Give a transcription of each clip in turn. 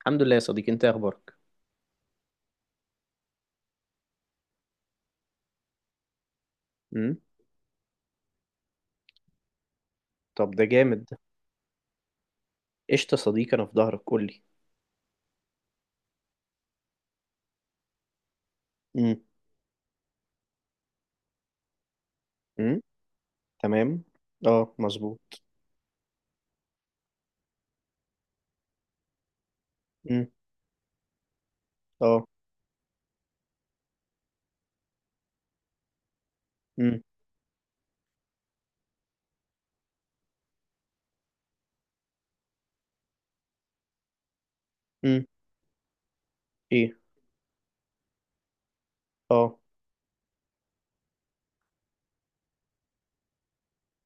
الحمد لله يا صديقي، انت ايه اخبارك؟ امم. طب ده جامد ده. قشطه يا صديقي، انا في ظهرك، قول لي. امم. امم. تمام. اه مظبوط. امم. اه. امم. امم. ايه. اه.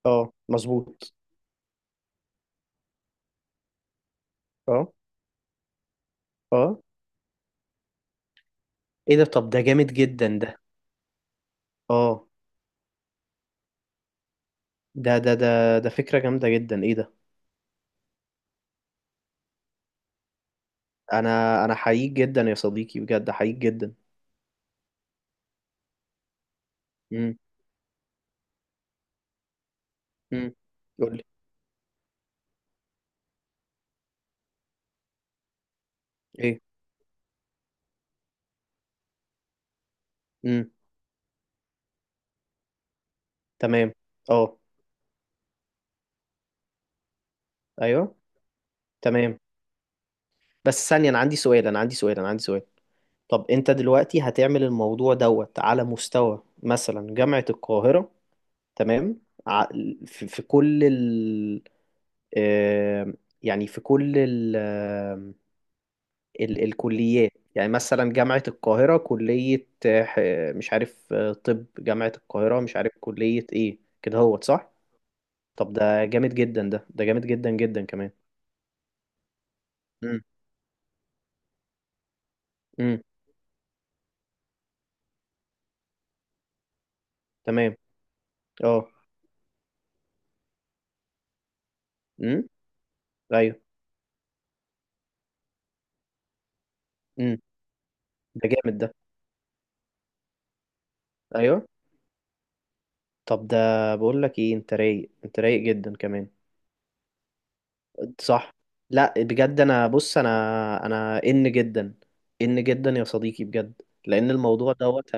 اه مظبوط. اه. اه. ايه ده؟ طب ده جامد جدا ده. اه. ده ده ده ده فكره جامده جدا، ايه ده؟ انا انا حقيق جدا يا صديقي، بجد حقيق جدا. امم. امم. قول لي. ايه. امم. تمام. اه. ايوه. تمام. بس ثانيه، انا عندي سؤال، انا عندي سؤال، انا عندي سؤال. طب انت دلوقتي هتعمل الموضوع دوت على مستوى مثلا جامعة القاهرة؟ تمام. ع- في كل ال آه، يعني في كل ال الكليات. يعني مثلا جامعة القاهرة كلية مش عارف، طب جامعة القاهرة مش عارف كلية ايه كده، هوت صح؟ طب ده جامد جدا ده، ده جامد جدا جدا كمان. امم. امم. تمام. اه. امم. ايوه. امم. ده جامد ده. ايوه. طب ده، بقول لك ايه، انت رايق، انت رايق جدا كمان. صح. لا بجد، انا بص انا، انا ان جدا، ان جدا يا صديقي بجد، لان الموضوع دوت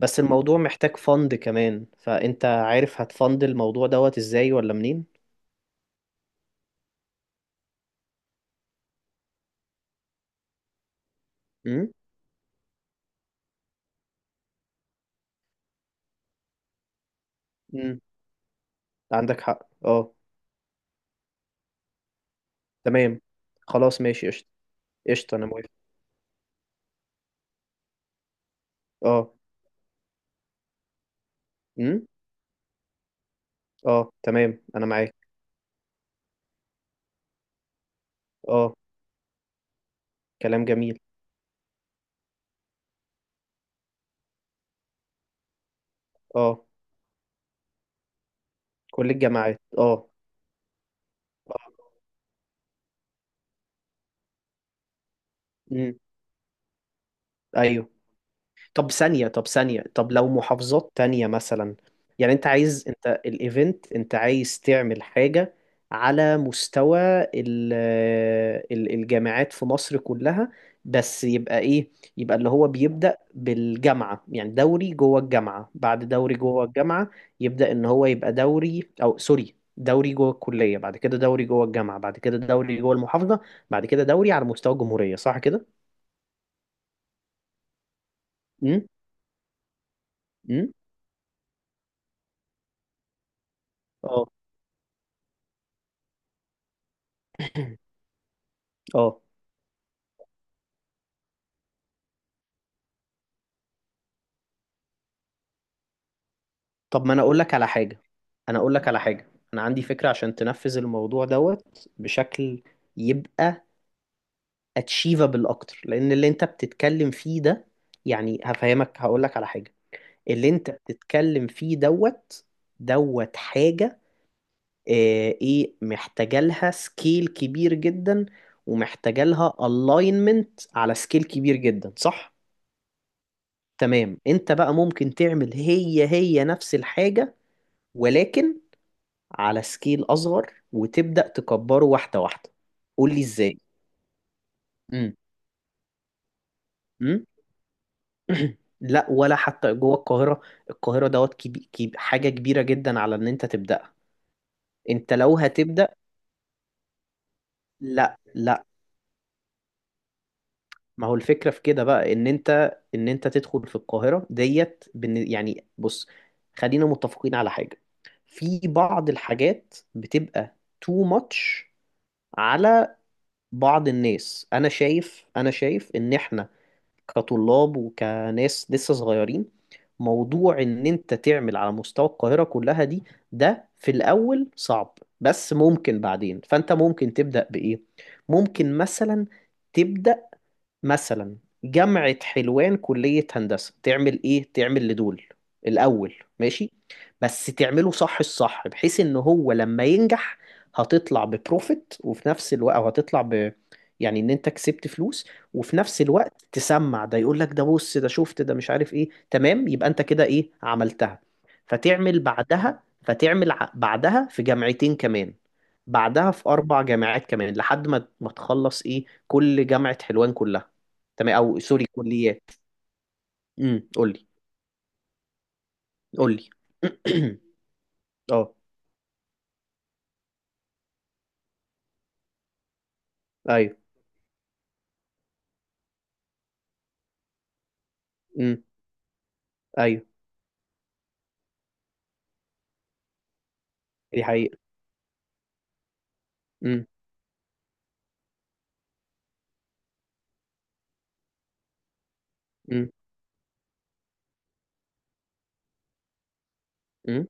بس الموضوع محتاج فند كمان، فانت عارف هتفند الموضوع دوت ازاي ولا منين؟ امم. امم. عندك حق، اه. تمام. خلاص ماشي قشطه. قشطه انا موافق. اه. امم. اه تمام، انا معاك. اه. كلام جميل. اه، كل الجماعات، اه. آه. امم. ايوه. طب ثانية، طب ثانية، طب لو محافظات تانية مثلا، يعني انت عايز، انت الايفنت انت عايز تعمل حاجة على مستوى الجامعات في مصر كلها، بس يبقى ايه؟ يبقى اللي هو بيبدأ بالجامعة، يعني دوري جوه الجامعة بعد دوري جوه الجامعة، يبدأ ان هو يبقى دوري، او سوري، دوري جوه الكلية، بعد كده دوري جوه الجامعة، بعد كده دوري جوه المحافظة، بعد كده دوري على مستوى الجمهورية، صح كده؟ امم. امم. اه. اه. طب ما انا اقول لك على حاجة، انا اقول لك على حاجة، انا عندي فكرة عشان تنفذ الموضوع دوت بشكل يبقى اتشيفابل اكتر، لان اللي انت بتتكلم فيه ده، يعني هفهمك هقول لك على حاجة. اللي انت بتتكلم فيه دوت، دوت حاجة ايه محتاجة لها سكيل كبير جدا، ومحتاجة لها الاينمنت على سكيل كبير جدا، صح؟ تمام. انت بقى ممكن تعمل هي نفس الحاجة، ولكن على سكيل اصغر، وتبدا تكبره واحده واحده. قول لي ازاي. امم. امم. لا ولا حتى جوه القاهره. القاهره دوت حاجه كبيره جدا على ان انت تبداها، انت لو هتبدا. لا لا. ما هو الفكره في كده بقى ان انت، ان انت تدخل في القاهره ديت يعني بص، خلينا متفقين على حاجه. في بعض الحاجات بتبقى too much على بعض الناس. انا شايف، انا شايف ان احنا كطلاب وكناس لسه صغيرين، موضوع ان انت تعمل على مستوى القاهرة كلها دي، ده في الاول صعب، بس ممكن بعدين. فانت ممكن تبدأ بايه؟ ممكن مثلا تبدأ مثلا جامعة حلوان كلية هندسة، تعمل ايه، تعمل لدول الاول ماشي، بس تعمله صح الصح، بحيث ان هو لما ينجح هتطلع ببروفيت، وفي نفس الوقت او هتطلع ب، يعني ان انت كسبت فلوس، وفي نفس الوقت تسمع ده يقول لك ده بص، ده شفت ده مش عارف ايه، تمام، يبقى انت كده ايه عملتها. فتعمل بعدها، بعدها في جامعتين كمان، بعدها في اربع جامعات كمان، لحد ما تخلص ايه كل جامعة حلوان كلها، تمام، او سوري كليات. قول لي. قول لي. اه. ايوه. امم. ايوه. دي حقيقة. امم. امم. امم.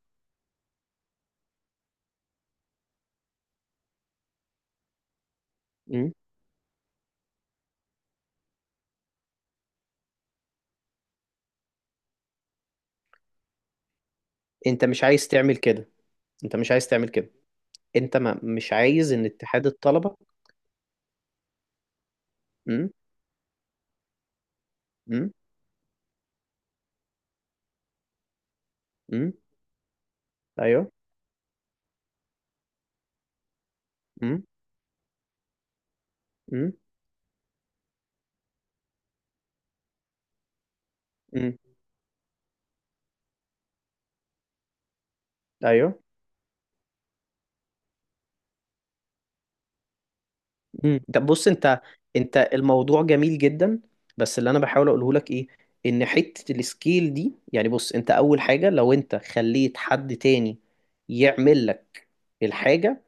امم. انت مش عايز تعمل كده، انت مش عايز تعمل كده، انت ما مش عايز ان اتحاد الطلبة. امم. امم. امم. ايوه. امم. امم. امم. ايوه. مم. طب بص انت، انت الموضوع جميل جدا، بس اللي انا بحاول اقوله لك ايه، ان حتة السكيل دي، يعني بص انت اول حاجة لو انت خليت حد تاني يعمل لك الحاجة،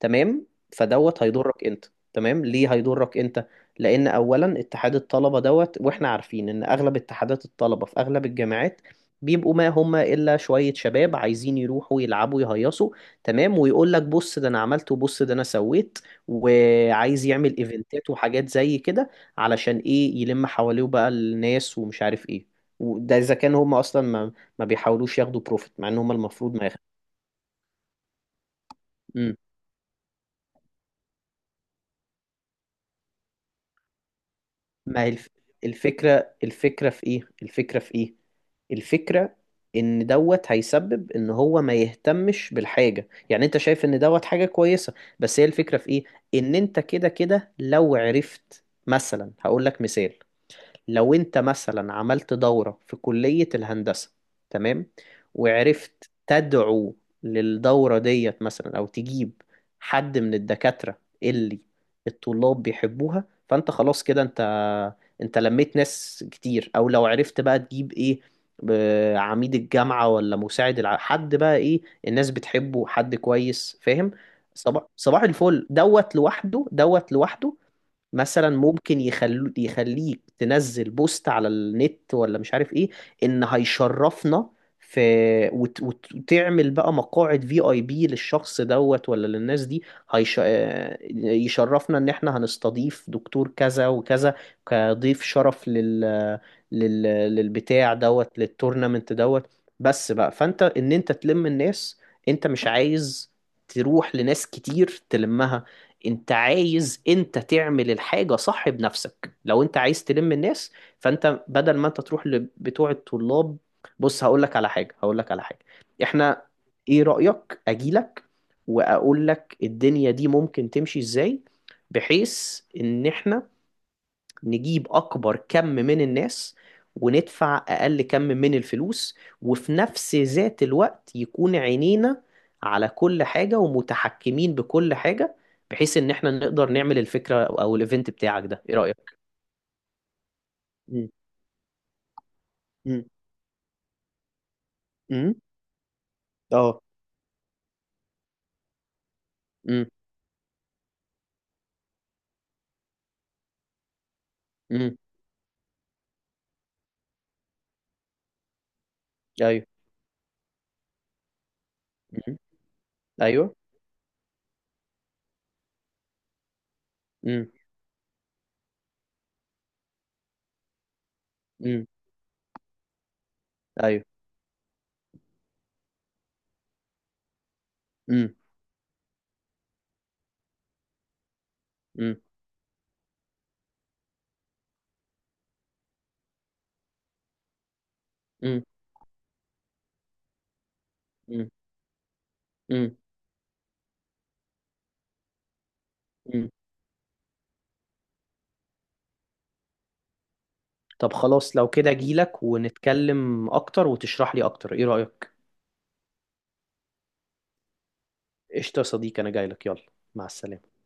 تمام، فدوت هيضرك انت، تمام. ليه هيضرك انت؟ لان اولا اتحاد الطلبه دوت، واحنا عارفين ان اغلب اتحادات الطلبه في اغلب الجامعات بيبقوا ما هم الا شويه شباب عايزين يروحوا يلعبوا يهيصوا، تمام، ويقول لك بص ده انا عملت وبص ده انا سويت، وعايز يعمل ايفنتات وحاجات زي كده علشان ايه، يلم حواليه بقى الناس ومش عارف ايه. وده اذا كان هم اصلا ما بيحاولوش ياخدوا بروفيت، مع ان هم المفروض ما ياخدوا. ما هي الفكرة، الفكرة في ايه، الفكرة في ايه، الفكرة ان دوت هيسبب ان هو ما يهتمش بالحاجة. يعني انت شايف ان دوت حاجة كويسة، بس هي الفكرة في ايه؟ ان انت كده كده لو عرفت. مثلا هقول لك مثال، لو انت مثلا عملت دورة في كلية الهندسة، تمام، وعرفت تدعو للدورة ديت مثلا، او تجيب حد من الدكاترة اللي الطلاب بيحبوها، فانت خلاص كده انت، انت لميت ناس كتير. او لو عرفت بقى تجيب ايه، عميد الجامعة ولا مساعد حد بقى ايه، الناس بتحبه، حد كويس، فاهم؟ صباح صباح الفل، دوت لوحده، دوت لوحده. مثلا ممكن يخلو يخليك تنزل بوست على النت ولا مش عارف ايه، ان هيشرفنا في، وتعمل بقى مقاعد في اي بي للشخص دوت ولا للناس دي. هيش... آه، يشرفنا ان احنا هنستضيف دكتور كذا وكذا كضيف شرف لل... للبتاع دوت، للتورنمنت دوت، بس بقى. فانت ان انت تلم الناس، انت مش عايز تروح لناس كتير تلمها، انت عايز انت تعمل الحاجة صح بنفسك لو انت عايز تلم الناس. فانت بدل ما انت تروح لبتوع الطلاب، بص هقول لك على حاجة، هقول لك على حاجة، احنا، ايه رأيك اجيلك واقول لك الدنيا دي ممكن تمشي ازاي، بحيث ان احنا نجيب أكبر كم من الناس وندفع أقل كم من الفلوس، وفي نفس ذات الوقت يكون عينينا على كل حاجة ومتحكمين بكل حاجة، بحيث إن إحنا نقدر نعمل الفكرة أو الإيفنت بتاعك ده. إيه رأيك؟ مم. مم. مم. اه. مم. مم. ايوه. مم. ايوه. مم. مم. ايوه. مم. مم. مم. مم. مم. مم. طب خلاص لو كده اجيلك ونتكلم اكتر وتشرح لي اكتر، ايه رأيك؟ قشطة يا صديقي، أنا جاي لك، يلا. مع السلامة.